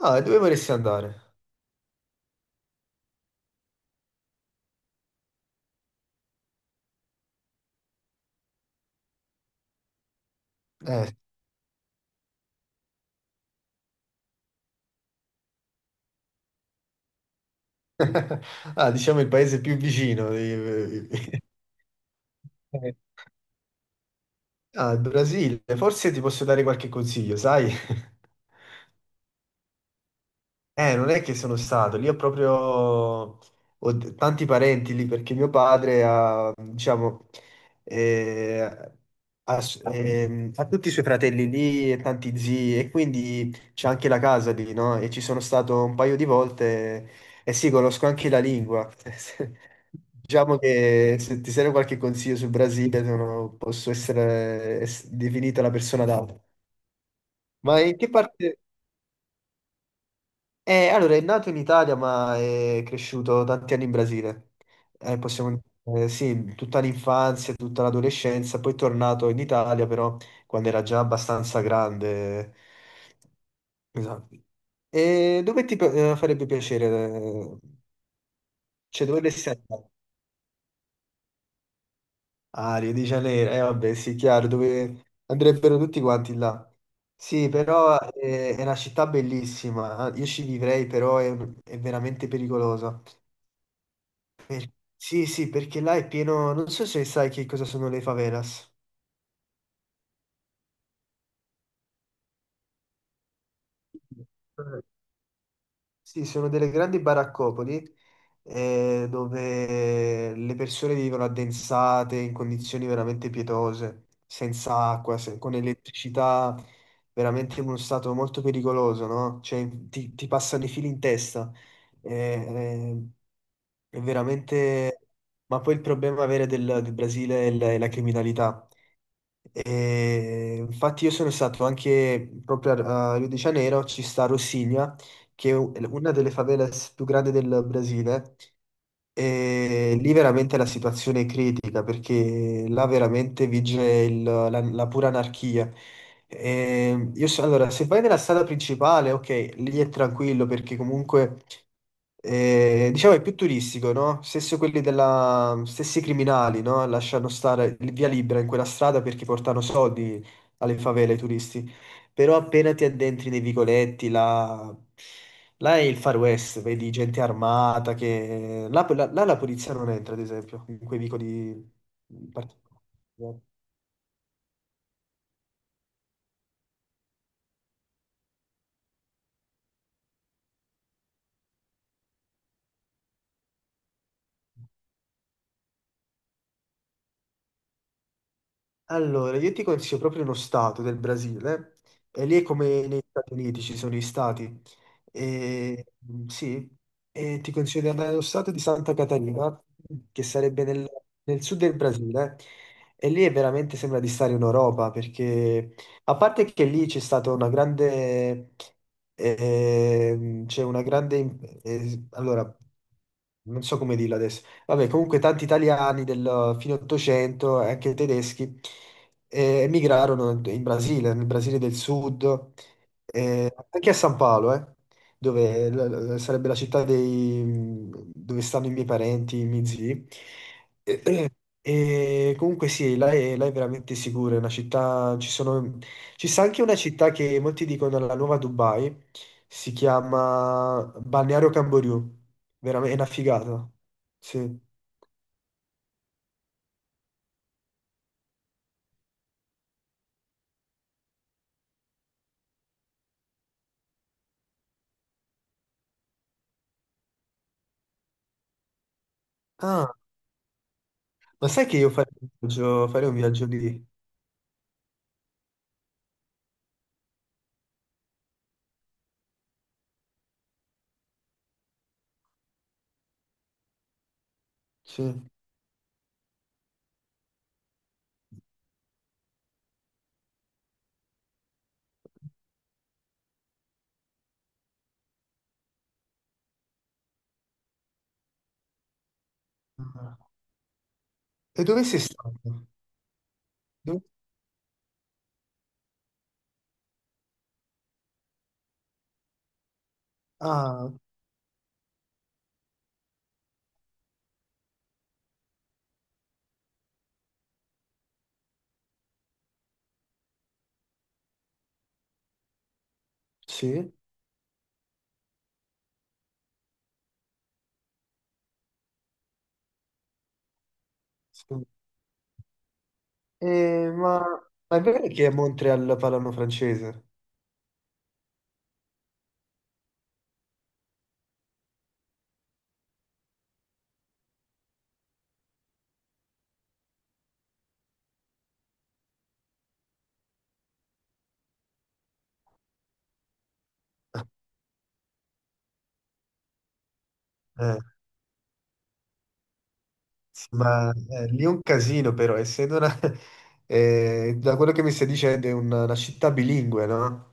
Ah, e dove vorresti andare? Eh. Ah, diciamo il paese più vicino. Ah, il Brasile. Forse ti posso dare qualche consiglio, sai? Non è che sono stato, lì ho proprio tanti parenti lì perché mio padre ha, diciamo, eh, ha, s- ha tutti i suoi fratelli lì e tanti zii, e quindi c'è anche la casa lì, no? E ci sono stato un paio di volte, e sì, conosco anche la lingua. Diciamo che se ti serve qualche consiglio sul Brasile, posso essere definita la persona adatta. Ma in che parte. Allora, è nato in Italia, ma è cresciuto tanti anni in Brasile. Possiamo, sì, tutta l'infanzia, tutta l'adolescenza, poi è tornato in Italia, però quando era già abbastanza grande. Esatto. E dove ti farebbe piacere? Cioè, dove dovresti andare? Ah, Rio di Janeiro, eh vabbè, sì, chiaro, dove andrebbero tutti quanti là. Sì, però è una città bellissima, ah, io ci vivrei, però è veramente pericolosa. Sì, sì, perché là è pieno, non so se sai che cosa sono le favelas. Sì, sono delle grandi baraccopoli, dove le persone vivono addensate in condizioni veramente pietose, senza acqua, con elettricità, veramente in uno stato molto pericoloso, no? Cioè ti passano i fili in testa. Eh, eh, è veramente. Ma poi il problema vero del Brasile è la criminalità. E infatti io sono stato anche proprio a Rio de Janeiro, ci sta Rocinha, che è una delle favelas più grandi del Brasile, e lì veramente la situazione è critica perché là veramente vige la pura anarchia. E allora, se vai nella strada principale, ok, lì è tranquillo perché comunque diciamo è più turistico, no? Stessi criminali, no? Lasciano stare via libera in quella strada perché portano soldi alle favele, ai turisti. Però appena ti addentri nei vicoletti, là, là è il Far West. Vedi gente armata che. Là, là- là La polizia non entra, ad esempio, in quei vicoli particolari. Allora, io ti consiglio proprio uno stato del Brasile, e lì è come negli Stati Uniti, ci sono i stati, e, sì, ti consiglio di andare allo stato di Santa Catarina, che sarebbe nel, nel sud del Brasile, e lì è veramente sembra di stare in Europa, perché a parte che lì c'è stata una grande, c'è una grande, allora, non so come dirla adesso. Vabbè, comunque tanti italiani del fine 800 e anche tedeschi emigrarono in Brasile, nel Brasile del Sud, anche a San Paolo, dove sarebbe la città dove stanno i miei parenti, i miei zii. E, e comunque sì, là è veramente sicura, è una città, ci sta anche una città che molti dicono la nuova Dubai, si chiama Balneario Camboriú, veramente è una figata, sì. Ah, ma sai che io farei un viaggio lì? Sì. Ah. E dove sei stato? Dove- Ah, sì. Sì. Eh, ma... ma è vero che a Montreal parlano francese? Eh, sì, ma lì è un casino però, essendo una. Da quello che mi stai dicendo è una città bilingue, no?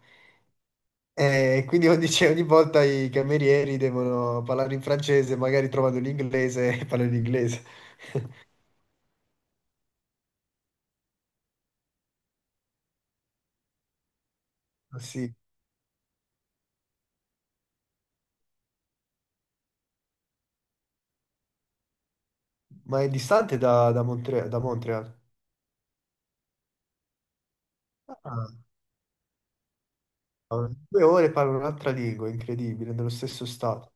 Quindi ogni, cioè, ogni volta i camerieri devono parlare in francese, magari trovano l'inglese e parlano in inglese. Sì. Ma è distante da Montreal? Ah, ah, due ore parlo un'altra lingua, incredibile, nello stesso stato.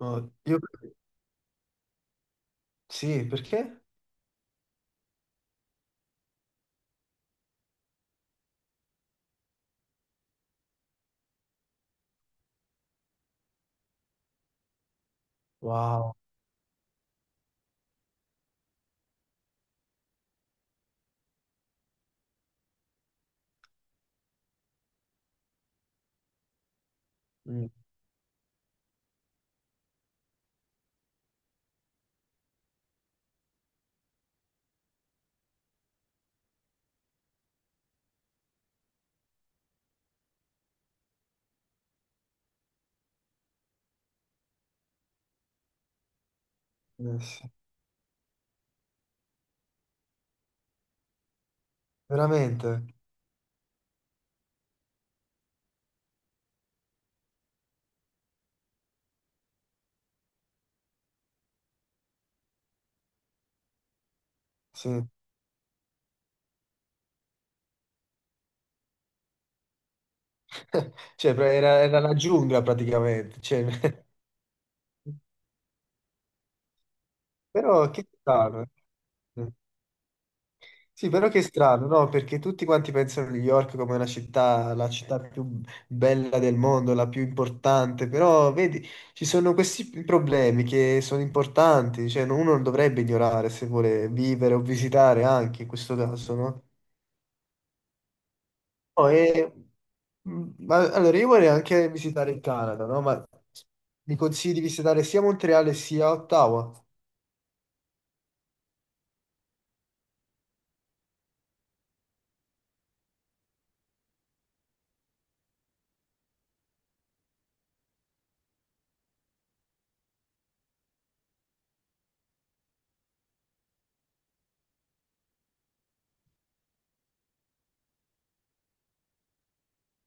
No, io. Sì, perché? Wow. Mm. Eh sì. Veramente? Sì. Cioè, era la giungla praticamente, cioè. Però che strano. Sì, però che strano, no? Perché tutti quanti pensano a New York come una città, la città più bella del mondo, la più importante, però vedi, ci sono questi problemi che sono importanti, cioè no, uno non dovrebbe ignorare se vuole vivere o visitare anche in questo caso, no? No, allora io vorrei anche visitare il Canada, no? Ma mi consigli di visitare sia Montreal sia Ottawa?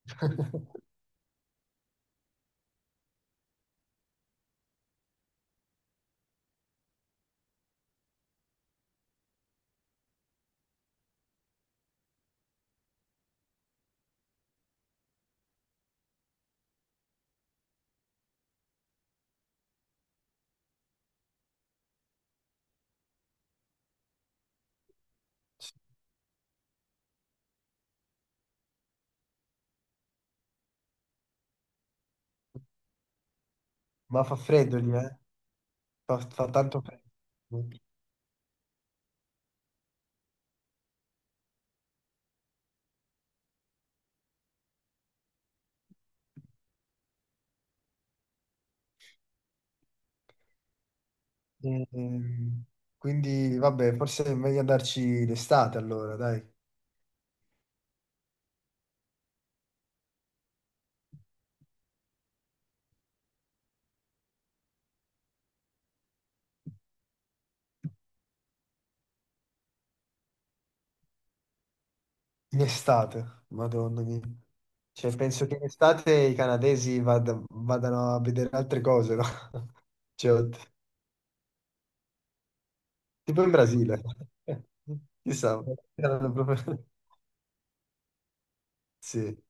Ma fa freddo lì, eh? Fa tanto freddo. Ehm, quindi vabbè, forse è meglio andarci d'estate allora, dai. In estate, madonna mia. Cioè, penso che in estate i canadesi vadano a vedere altre cose, no? Cioè, tipo in Brasile. Chissà. erano proprio- Sì.